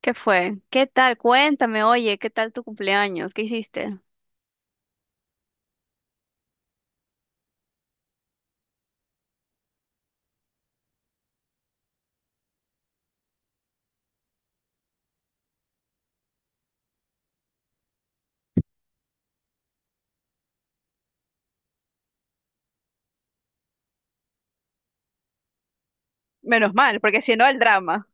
¿Qué fue? ¿Qué tal? Cuéntame, oye, ¿qué tal tu cumpleaños? ¿Qué hiciste? Menos mal, porque si no, el drama.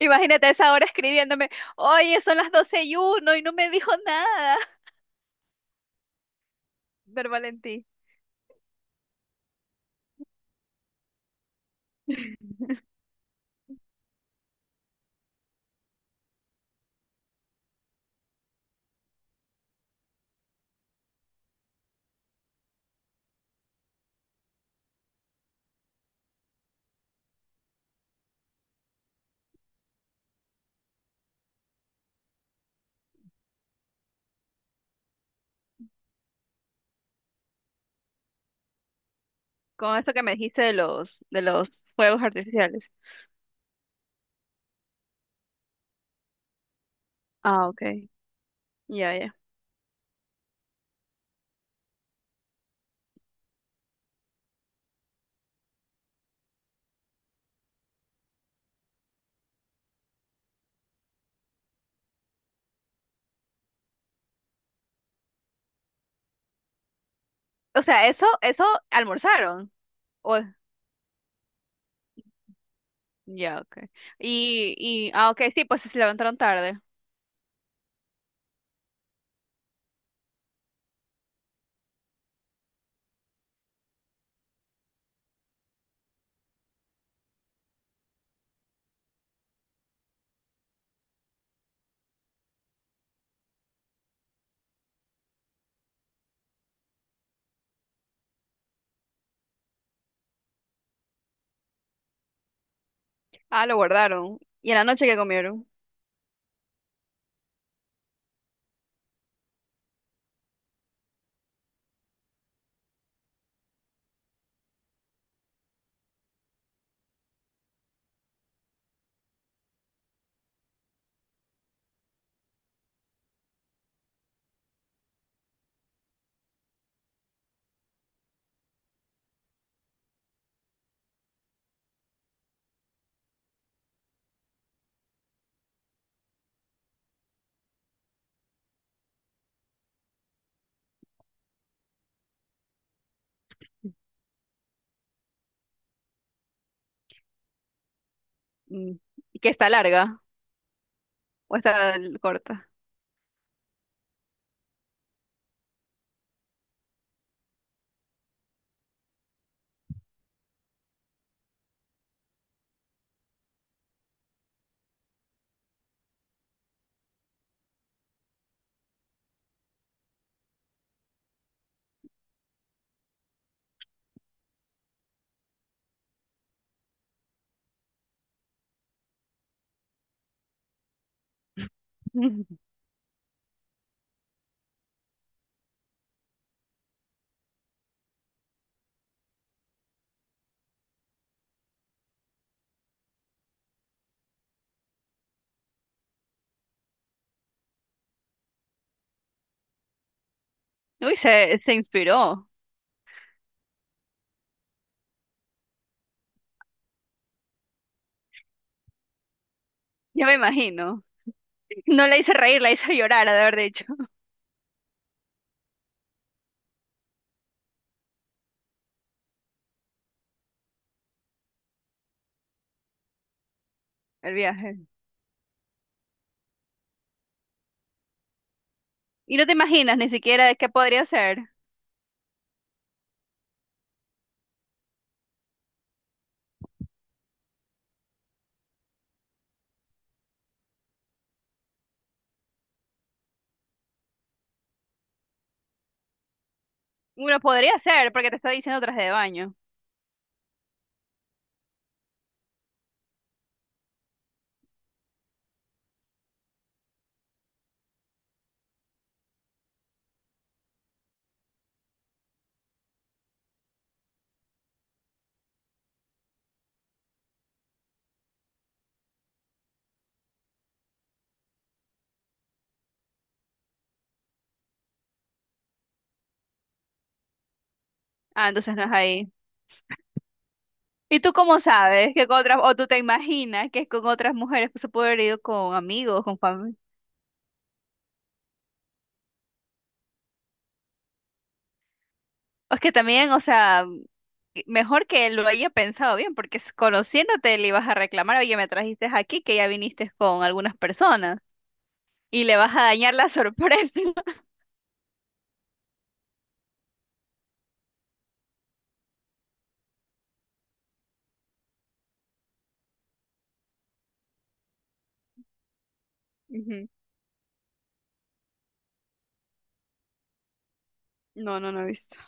Imagínate a esa hora escribiéndome, oye, son las 12:01 y no me dijo nada. Ver Valentín. Con esto que me dijiste de los fuegos artificiales. Ah, ok. Ya, ya. O sea, eso almorzaron. O, Ya, ok. Ah, ok, sí, pues se levantaron tarde. Ah, lo guardaron. ¿Y en la noche qué comieron? Mm, Que está larga o está corta. Uy, se inspiró. Ya me imagino. No la hice reír, la hice llorar, ha de haber dicho, el viaje. Y no te imaginas ni siquiera de qué podría ser. Bueno, podría ser, porque te está diciendo traje de baño. Ah, entonces no es ahí. ¿Y tú cómo sabes que con otras, o tú te imaginas que es con otras mujeres que se puede haber ido con amigos, con familia? Es que también, o sea, mejor que lo haya pensado bien, porque conociéndote le ibas a reclamar, oye, me trajiste aquí, que ya viniste con algunas personas, y le vas a dañar la sorpresa. Ujú. No, no, no he visto.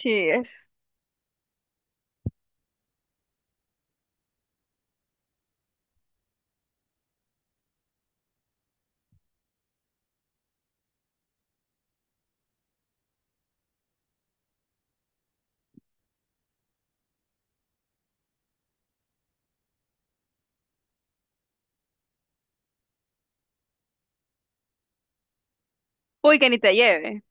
Sí, es. Uy, que ni te lleve.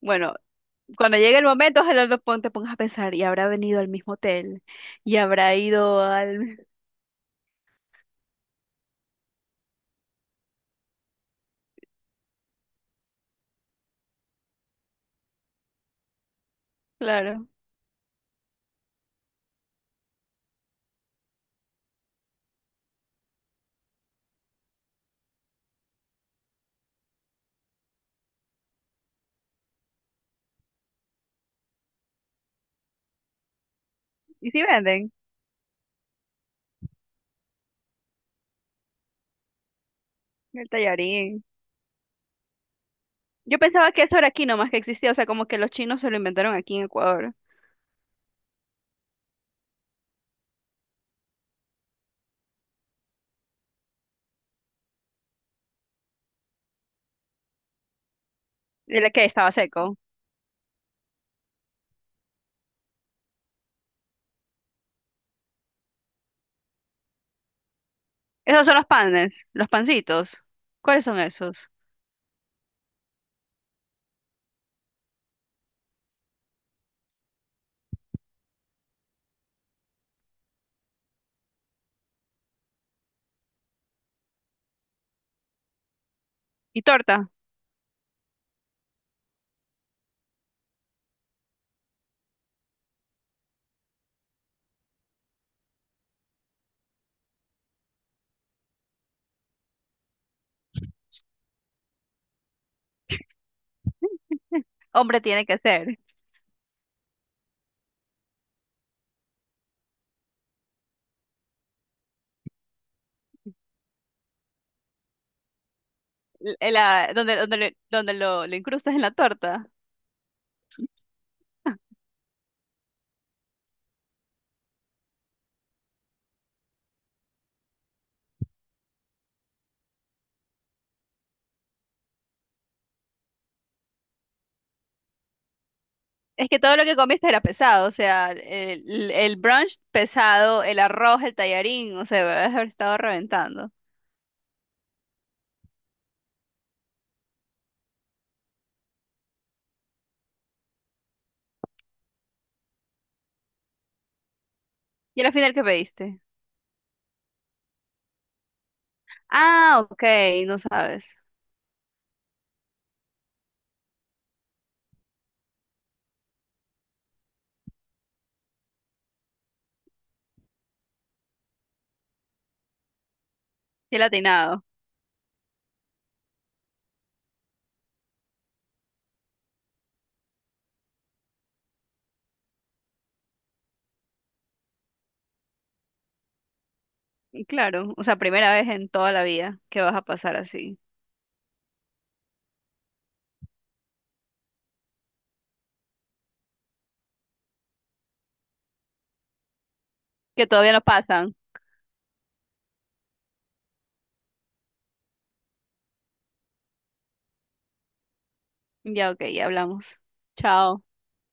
Bueno, cuando llegue el momento, ojalá no te pongas a pensar, y habrá venido al mismo hotel, y habrá ido al... Claro. ¿Y si venden el tallarín? Yo pensaba que eso era aquí nomás que existía, o sea, como que los chinos se lo inventaron aquí en Ecuador. ¿El que estaba seco? Esos son los panes, los pancitos. ¿Cuáles son esos? ¿Y torta? Hombre, tiene que ser. Donde lo incrustas en la torta. Es que todo lo que comiste era pesado, o sea, el brunch pesado, el arroz, el tallarín, o sea, debes haber estado reventando. ¿Y al final qué pediste? Ah, ok, no sabes. Qué latinado. Claro, o sea, primera vez en toda la vida que vas a pasar así. Que todavía no pasan. Ya, ok, ya hablamos. Chao.